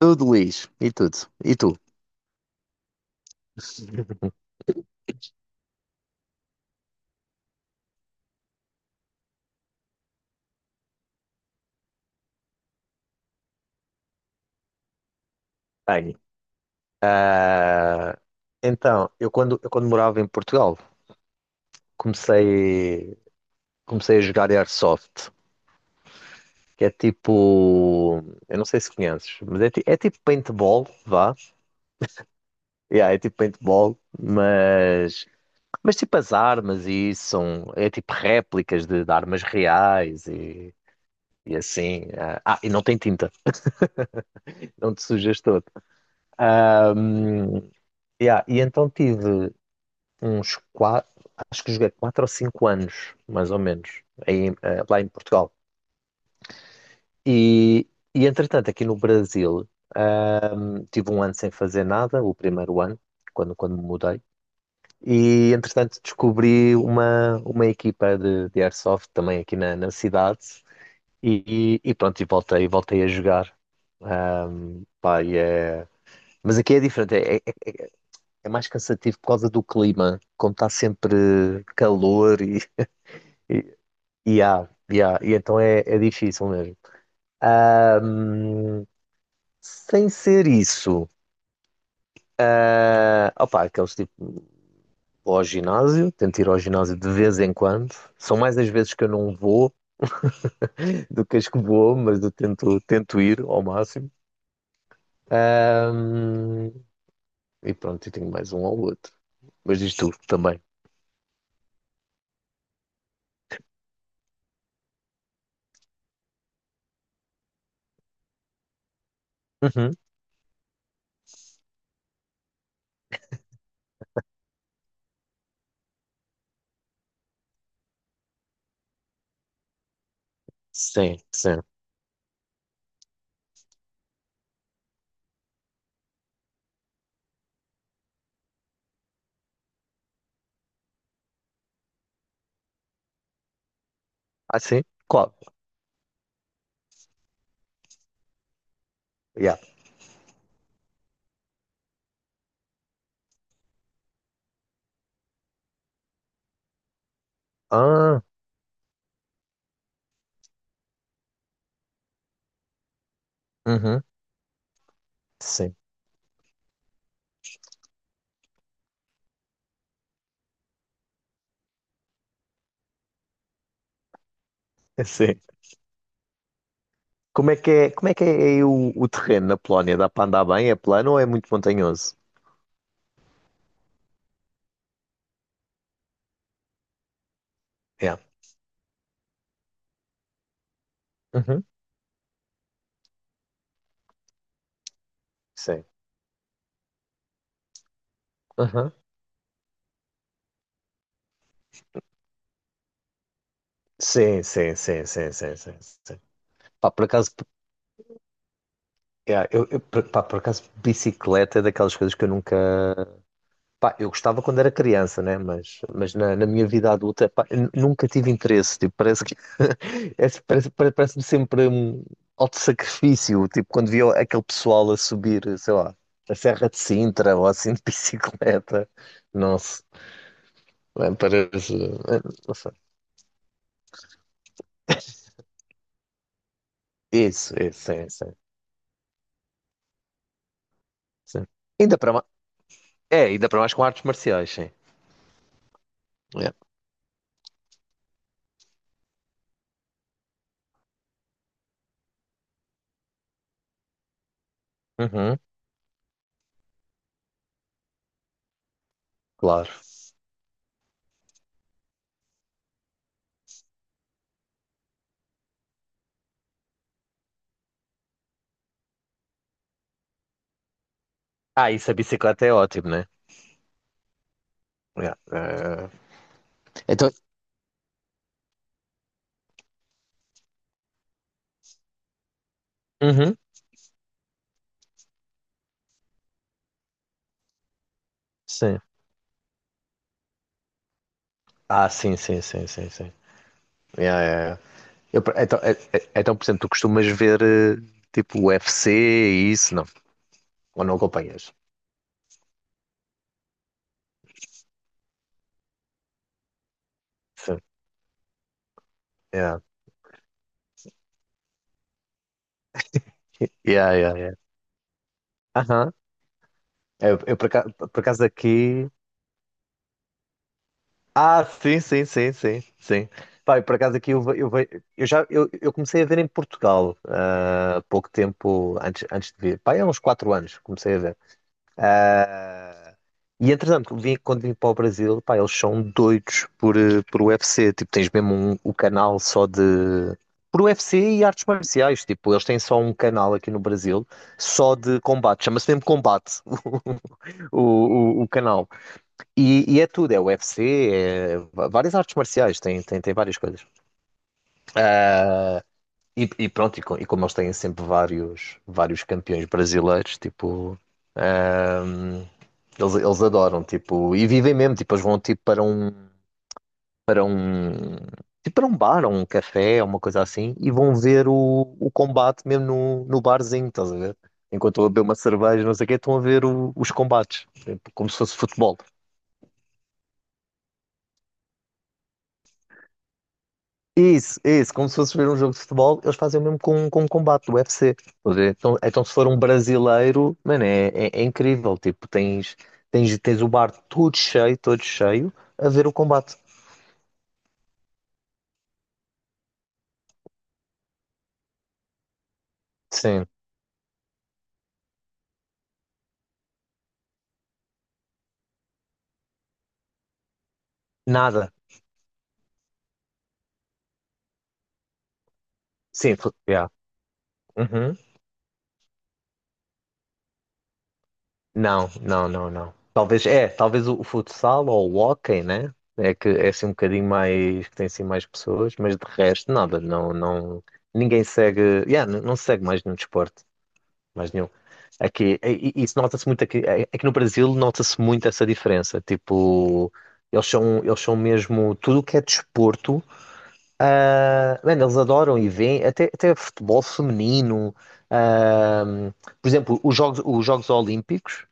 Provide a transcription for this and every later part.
Tudo, Luís. E tudo. E tu? Bem, então, eu quando morava em Portugal, comecei, comecei a jogar Airsoft, que é tipo, eu não sei se conheces, mas é tipo paintball, vá. Yeah, é tipo paintball, mas tipo as armas e isso são, é tipo réplicas de armas reais e assim. E não tem tinta, não te sujas todo. Yeah, e então tive, uns quatro, acho que joguei quatro ou cinco anos, mais ou menos, aí, lá em Portugal. E, e entretanto, aqui no Brasil, tive um ano sem fazer nada, o primeiro ano, quando me mudei. E entretanto, descobri uma equipa de Airsoft também aqui na cidade. E pronto, e voltei a jogar. Pá, mas aqui é diferente, é mais cansativo por causa do clima, como está sempre calor e, e então é difícil mesmo. Sem ser isso, ah, opa, aqueles tipo, vou ao ginásio, tento ir ao ginásio de vez em quando. São mais as vezes que eu não vou do que as que vou, mas eu tento ir ao máximo. Ahm, e pronto, eu tenho mais um ao outro. Mas diz tu também. Uhum. Sim, sim. Ah, sim? Qual? Yeah. Ah, uhum. Sim, sim. Como é que é aí o terreno na Polónia? Dá para andar bem? É plano ou é muito montanhoso? Yeah. Uhum. Sim. Sim, sim, sim, sim, sim, sim, sim. Pá, por acaso, yeah, por acaso, bicicleta é daquelas coisas que eu nunca. Pá, eu gostava quando era criança, né? Mas, na minha vida adulta, pá, nunca tive interesse. Tipo, parece que. Parece-me sempre um alto sacrifício. Tipo, quando via aquele pessoal a subir, sei lá, a Serra de Sintra ou assim de bicicleta. Nossa, é, parece. É, não sei. Isso, sim, sim. Sim. Ainda para, é, ainda para mais com artes marciais, sim. Yeah. Uhum, claro. Ah, isso a bicicleta é ótimo, né? Yeah. Então. Uhum, sim. Ah, sim, sim, sim, sim, sim. Yeah, yeah, yeah. Eu, então, então, por exemplo, tu costumas ver tipo UFC e isso, não? Ou não acompanhas? Sim. Yeah, yeah, yeah, yeah. Aham. Eu por acaso aqui. Ah, sim, sim, sim, sim, sim. Pá, e por acaso aqui eu, ve- eu, ve- eu já eu comecei a ver em Portugal, há pouco tempo antes, antes de vir. Pá, há uns 4 anos comecei a ver. Ah, e entretanto, vim, quando vim para o Brasil, pá, eles são doidos por, por UFC. Tipo, tens mesmo um, o canal só de. Por UFC e artes marciais. Tipo, eles têm só um canal aqui no Brasil só de combate. Chama-se mesmo Combate o canal. E é tudo, é UFC, várias artes marciais, tem várias coisas. E pronto, e como eles têm sempre vários campeões brasileiros, tipo, eles adoram, tipo, e vivem mesmo, tipo, eles vão tipo, para um bar, ou um café, ou uma coisa assim, e vão ver o combate mesmo no barzinho, estás a ver? Enquanto eu a beber uma cerveja, não sei o quê, estão a ver os combates, tipo, como se fosse futebol. Isso, como se fosse ver um jogo de futebol, eles fazem o mesmo com um combate do UFC. Estás a ver? Então, então, se for um brasileiro, mano, é incrível. Tipo, tens, tens o bar todo cheio, a ver o combate. Sim, nada. Sim, fu- yeah. Uhum. Não, não, não, não. Talvez, é, talvez o futsal ou o hóquei, né? É que é assim um bocadinho mais, que tem assim mais pessoas, mas de resto, nada. Não, não, ninguém segue, yeah, não segue mais nenhum desporto. Mais nenhum. Aqui, e isso nota-se muito aqui, aqui no Brasil, nota-se muito essa diferença. Tipo, eles são mesmo tudo o que é desporto. Ah, man, eles adoram e veem, até futebol feminino. Ah, por exemplo, os Jogos Olímpicos.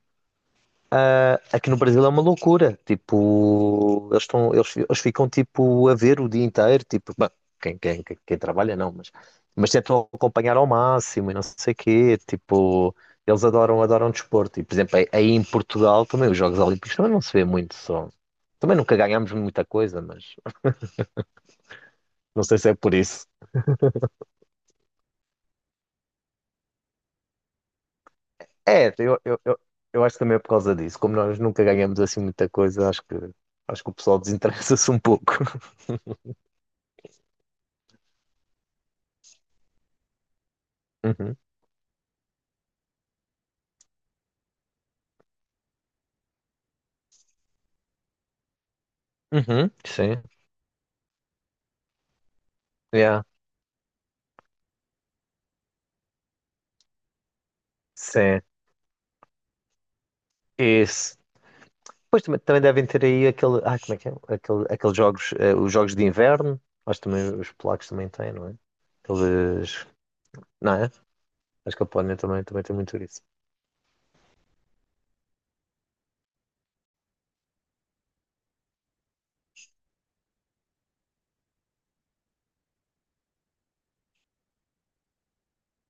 Aqui no Brasil é uma loucura. Tipo, eles estão, eles ficam tipo a ver o dia inteiro, tipo, bem, quem trabalha não, mas tentam acompanhar ao máximo e não sei quê. Tipo, adoram desporto. E, por exemplo, aí em Portugal também os Jogos Olímpicos também não se vê muito só. Também nunca ganhámos muita coisa, mas não sei se é por isso. É, eu acho que também é por causa disso. Como nós nunca ganhamos assim muita coisa, acho que o pessoal desinteressa-se um pouco. Uhum. Uhum. Sim. Yeah. Sim. Esse. Pois também, também devem ter aí aquele. Ah, como é que é? Aquele, aqueles jogos, os jogos de inverno. Acho que também os polacos também têm, não é? Aqueles. Não é? Acho que a Polónia também, também tem muito isso.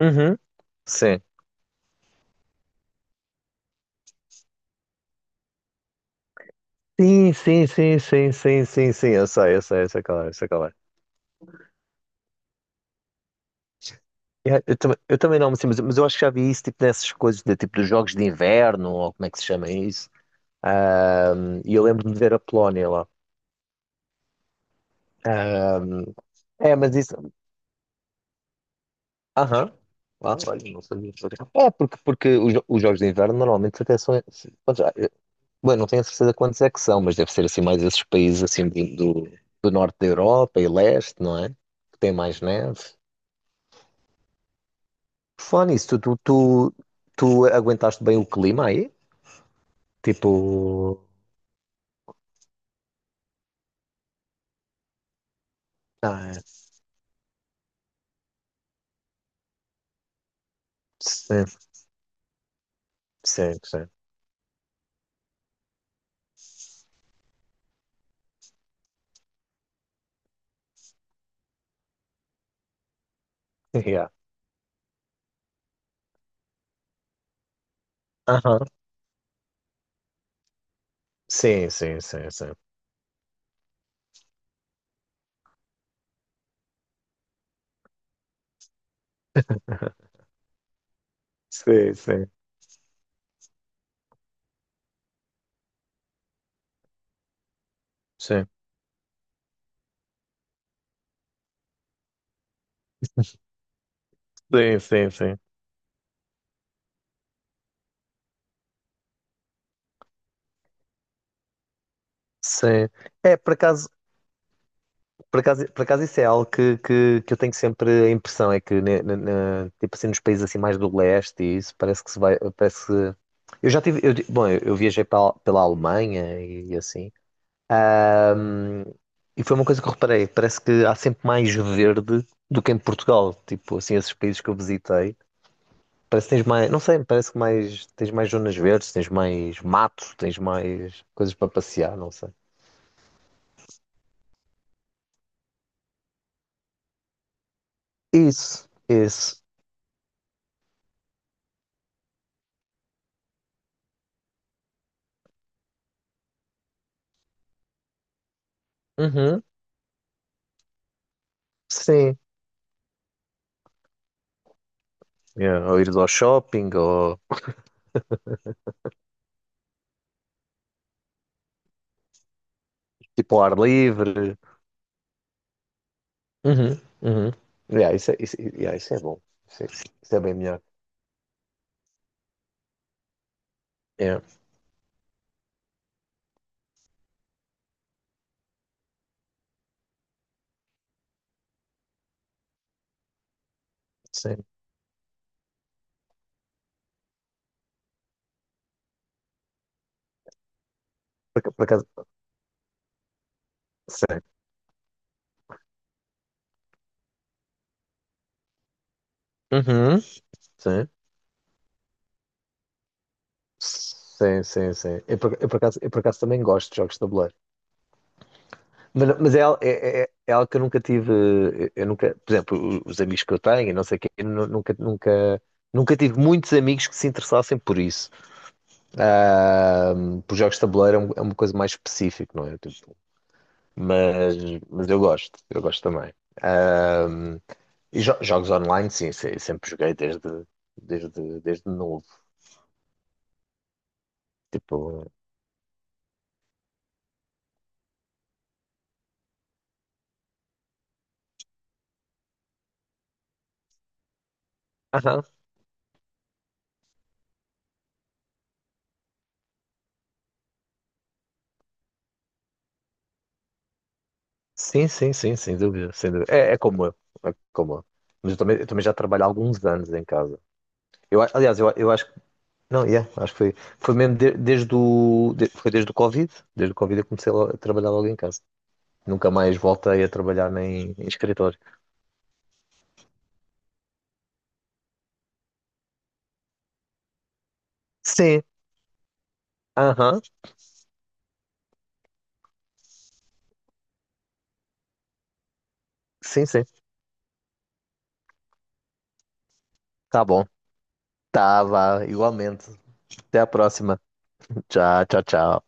Uhum. Sim. Sim, sim, sim, sim, sim, sim, sim. Eu sei, eu sei, eu sei qual é. Yeah, eu também não, sim, mas eu acho que já vi isso tipo nessas coisas, de, tipo dos jogos de inverno, ou como é que se chama isso. E eu lembro-me de ver a Polónia lá. Ahm, é, mas isso. Aham. Ah, olha, não sabia. É, porque os, os jogos de inverno normalmente até são. Bom, bom, não tenho a certeza quantos é que são, mas deve ser assim mais esses países assim do, do norte da Europa e leste, não é? Que tem mais neve. Por falar tu, tu, tu, tu aguentaste bem o clima aí? Tipo. Ah, sim, sim, sim. Yeah. Aham. Sim, sim, sim, sim. Sim, sim. Sim, sim, sim, sim. Sim. É, por acaso. Por acaso, por acaso isso é algo que, que eu tenho sempre a impressão, é que tipo assim, nos países assim mais do leste e isso parece que se vai, parece que... Eu já tive, eu, eu viajei pela, pela Alemanha e, assim, e foi uma coisa que eu reparei, parece que há sempre mais verde do que em Portugal, tipo assim, esses países que eu visitei, parece que tens mais, não sei, parece que mais, tens mais zonas verdes, tens mais mato, tens mais coisas para passear, não sei. Isso, isso. Uhum, sim. Yeah, ou ir ao shopping, ou tipo ao ar livre. Uhum, uhum. Yeah, isso, é, isso, yeah, isso é bom. Isso é bem melhor. Yeah, sim. Por, por acaso, sim, uhum, sim, sim, sim, sim. Eu por acaso também gosto de jogos de tabuleiro. Mas é, é algo que eu nunca tive. Eu, nunca, por exemplo, os amigos que eu tenho, e não sei quê, nunca, nunca tive muitos amigos que se interessassem por isso. Ah, por jogos de tabuleiro é um- é uma coisa mais específica, não é? Mas, eu gosto também. Ahm, e jogos online, sim, sim, sempre joguei desde, desde novo. Tipo, aham, sim, sim, sim, sem dúvida, sem dúvida. É, é como eu, é como eu. Mas eu também já trabalho há alguns anos em casa. Eu, eu acho que, não, yeah, acho que foi, foi mesmo desde o, foi desde o Covid eu comecei a trabalhar logo em casa. Nunca mais voltei a trabalhar nem em escritório. Sim, aham, sim, sim, tá bom. Tava, igualmente. Até a próxima. Tchau, tchau, tchau.